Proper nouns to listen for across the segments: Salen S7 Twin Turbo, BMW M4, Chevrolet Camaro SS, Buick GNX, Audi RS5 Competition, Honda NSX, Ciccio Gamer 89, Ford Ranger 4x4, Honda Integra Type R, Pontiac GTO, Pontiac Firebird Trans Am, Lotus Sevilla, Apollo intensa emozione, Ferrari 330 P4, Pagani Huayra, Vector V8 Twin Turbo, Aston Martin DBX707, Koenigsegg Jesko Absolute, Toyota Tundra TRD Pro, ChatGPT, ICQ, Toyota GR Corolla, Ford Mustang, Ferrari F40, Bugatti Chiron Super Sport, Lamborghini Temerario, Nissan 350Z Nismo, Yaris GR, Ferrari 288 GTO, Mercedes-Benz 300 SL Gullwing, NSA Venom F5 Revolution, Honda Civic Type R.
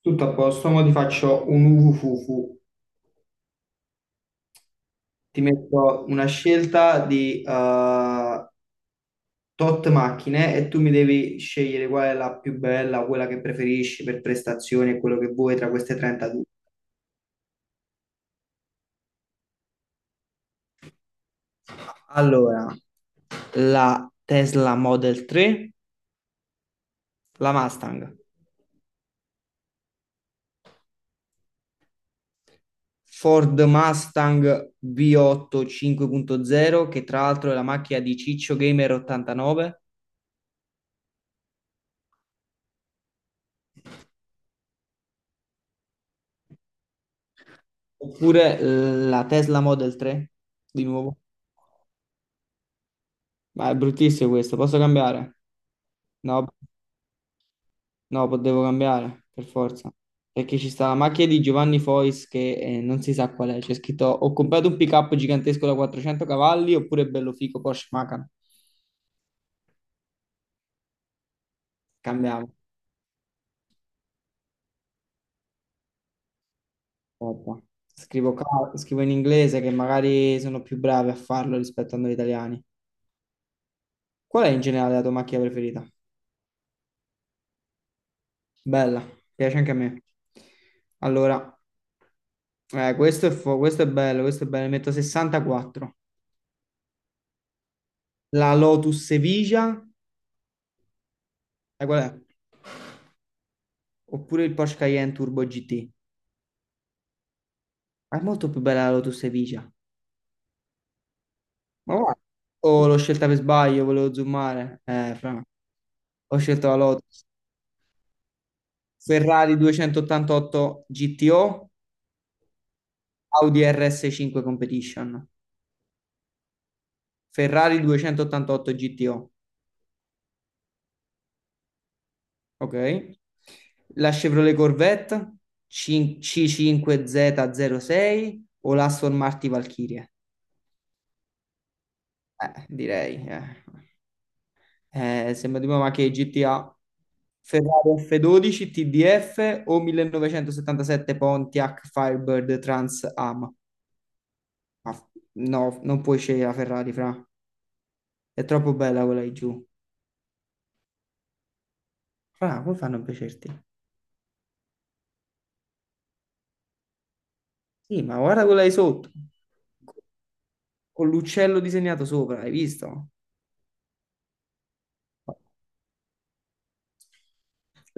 Tutto a posto, ora ti faccio un uvufufu. Ti metto una scelta di tot macchine e tu mi devi scegliere qual è la più bella, quella che preferisci per prestazioni e quello che vuoi tra queste 32. Allora, la Tesla Model 3, la Mustang, Ford Mustang V8 5.0, che tra l'altro è la macchina di Ciccio Gamer 89, oppure la Tesla Model 3, di nuovo. Ma è bruttissimo questo, posso cambiare? No, no, devo cambiare, per forza. Perché ci sta la macchina di Giovanni Fois che non si sa qual è. C'è scritto, ho comprato un pick-up gigantesco da 400 cavalli oppure bello fico Porsche Macan. Cambiamo. Aspetta. Scrivo in inglese che magari sono più bravi a farlo rispetto a noi italiani. Qual è in generale la tua macchina preferita? Bella, piace anche a me. Allora, questo è bello, ne metto 64. La Lotus Sevilla, sai qual è? Oppure il Porsche Cayenne Turbo GT. Ma è molto più bella la Lotus Sevilla. Ma guarda. Oh, l'ho scelta per sbaglio, volevo zoomare. Fra. Ho scelto la Lotus. Ferrari 288 GTO, Audi RS5 Competition. Ferrari 288 GTO, ok? La Chevrolet Corvette C5Z06 o l'Aston Martin Valkyrie? Direi. Sembra tipo ma che GTA. Ferrari F12 TDF o 1977 Pontiac Firebird Trans Am. Ma- no, non puoi scegliere la Ferrari, fra. È troppo bella quella di giù. Fra, come fanno a piacerti? Sì, ma guarda quella di sotto. Con l'uccello disegnato sopra, hai visto?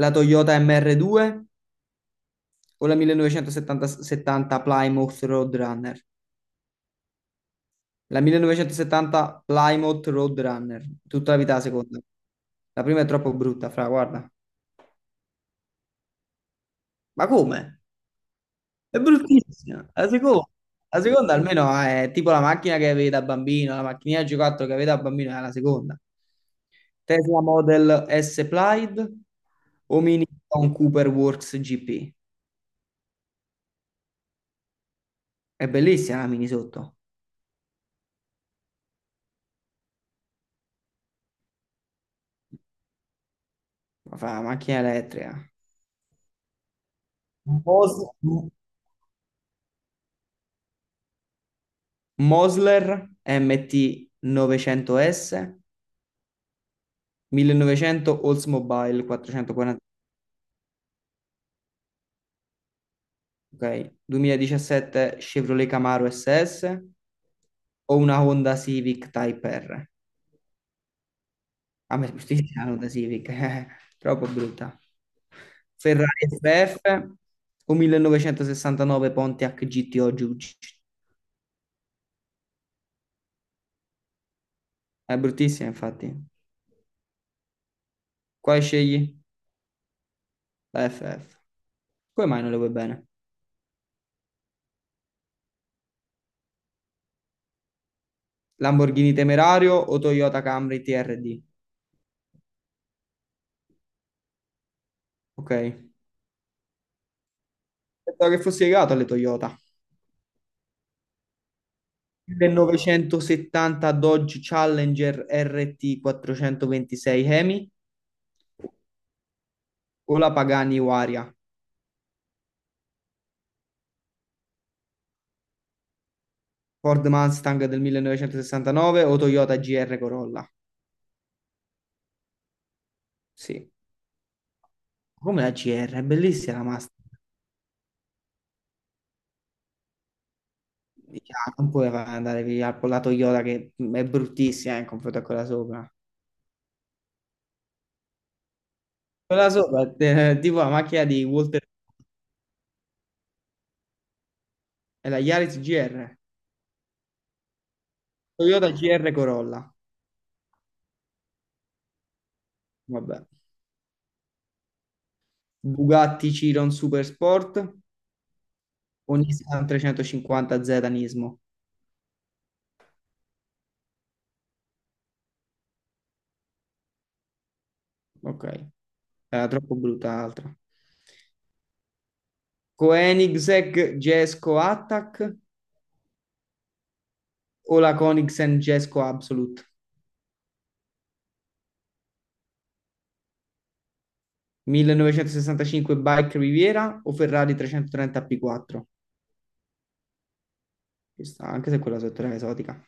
La Toyota MR2 o la 1970 70 Plymouth Roadrunner? La 1970 Plymouth Roadrunner, tutta la vita la seconda. La prima è troppo brutta, fra, guarda. Ma come? È bruttissima. La seconda almeno è tipo la macchina che avevi da bambino, la macchinina G4 che avevi da bambino è la seconda. Tesla Model S Plaid o Mini con Cooper Works GP. È bellissima la mini sotto, ma fa la macchina elettrica. Mos- Mosler MT 900S, 1900 Oldsmobile 440, ok. 2017 Chevrolet Camaro SS o una Honda Civic Type R? A me giustizia la Honda Civic, troppo brutta. Ferrari FF o 1969 Pontiac GTO Giugi? È bruttissima, infatti. Quale scegli? La FF. Come mai non le vuoi bene? Lamborghini Temerario o Toyota Camry TRD? Ok. Pensavo che fossi legato alle Toyota. 1970 Dodge Challenger RT 426 Hemi o la Pagani Huayra? Ford Mustang del 1969 o Toyota GR Corolla? Sì, come la GR, è bellissima la Mustang. Ah, non puoi andare via con la Toyota che è bruttissima in confronto a quella sopra. Quella sopra è tipo la macchina di Walter, è la Yaris GR, Toyota GR Corolla. Vabbè. Bugatti Chiron Super Sport, un Nissan 350Z Nismo. Ok, era troppo brutta l'altra. Koenigsegg Jesko Attack o la Koenigsegg Jesko Absolute? 1965 Bike Riviera o Ferrari 330 P4? Questa, anche se quella sotto era esotica.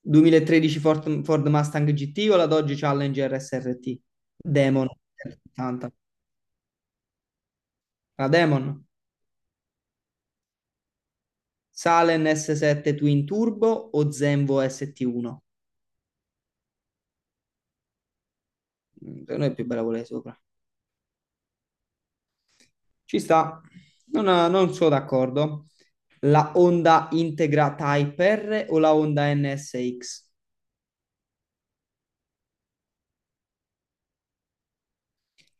2013 Ford Mustang GT o la Dodge Challenger SRT? Demon 80. La Demon. Salen S7 Twin Turbo o Zenvo ST1? Per noi è più bella quella di sopra. Ci sta, non, non sono d'accordo. La Honda Integra Type R o la Honda NSX?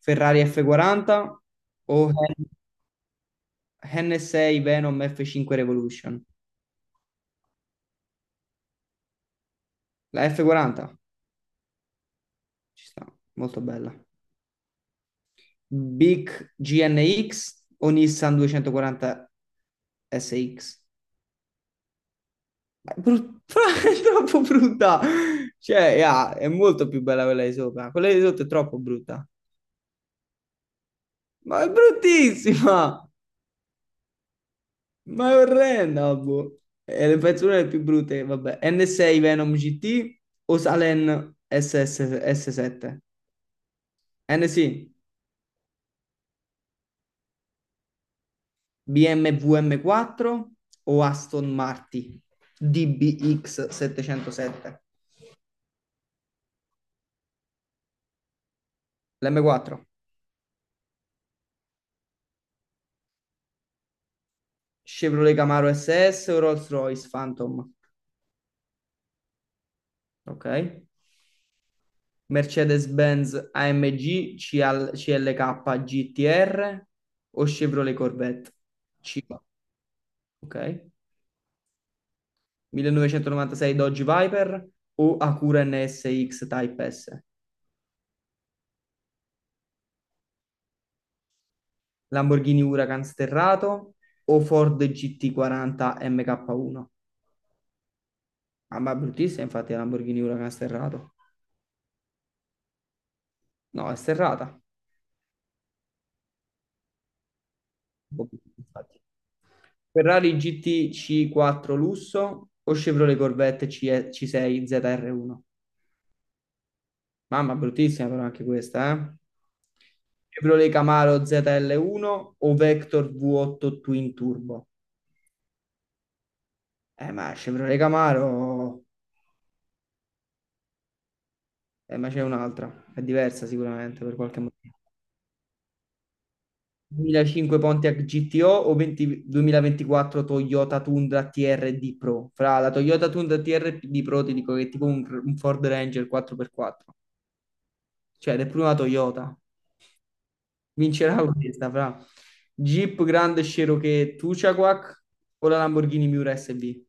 Ferrari F40 o NSA Venom F5 Revolution? La F40 ci sta, molto bella. Big GNX o Nissan 240 SX? Ma è è troppo brutta. Cioè, yeah, è molto più bella quella di sopra. Quella di sotto è troppo brutta. Ma è bruttissima! Ma è orrenda, boh. È le pezzo una delle più brutte, vabbè. N6 Venom GT o Salen SS, 7 NC, BMWM4 o Aston Martin DBX707? L'M4, Chevrolet Camaro SS o Rolls-Royce Phantom? Ok. Mercedes-Benz AMG CLK GTR o Chevrolet Corvette? C K? Ok. 1996 Dodge Viper o Acura NSX Type S? Lamborghini Huracan sterrato o Ford GT40 MK1? Ah, ma è bruttissima infatti la Lamborghini Huracan sterrato. No, è sterrata. Un po' brutta, infatti. Ferrari GTC4 lusso o Chevrolet Corvette CE C6 ZR1? Mamma, bruttissima però anche questa, eh? Chevrolet Camaro ZL1 o Vector V8 Twin Turbo? Ma Chevrolet Camaro, ma c'è un'altra, è diversa sicuramente per qualche motivo. 2005 Pontiac GTO o 20 2024 Toyota Tundra TRD Pro. Fra, la Toyota Tundra TRD Pro ti dico che è tipo un, Ford Ranger 4x4, cioè, ed è prima Toyota. Vincerà questa, fra. Jeep Grand Cherokee Tuchaquac o la Lamborghini Miura SB?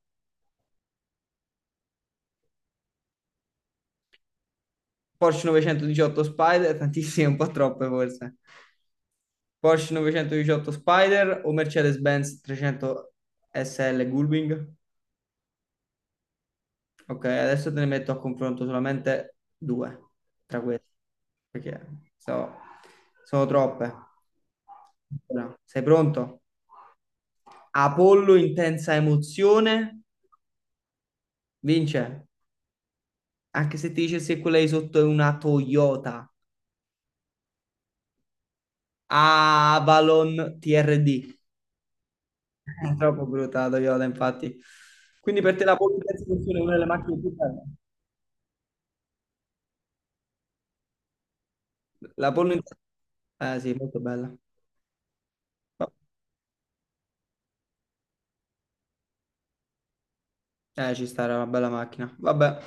Porsche 918 Spider, tantissime, un po' troppe forse. Porsche 918 Spider o Mercedes-Benz 300 SL Gullwing? Ok, adesso te ne metto a confronto solamente due tra queste, perché so- sono troppe. Allora, sei pronto? Apollo, intensa emozione, vince. Anche se ti dicessi che quella di sotto è una Toyota Avalon TRD. È troppo brutta la Toyota, infatti. Quindi per te la Polo in terza posizione è una delle macchine più belle? La Polo in terza... eh sì, molto bella. Oh, ci sta, era una bella macchina. Vabbè.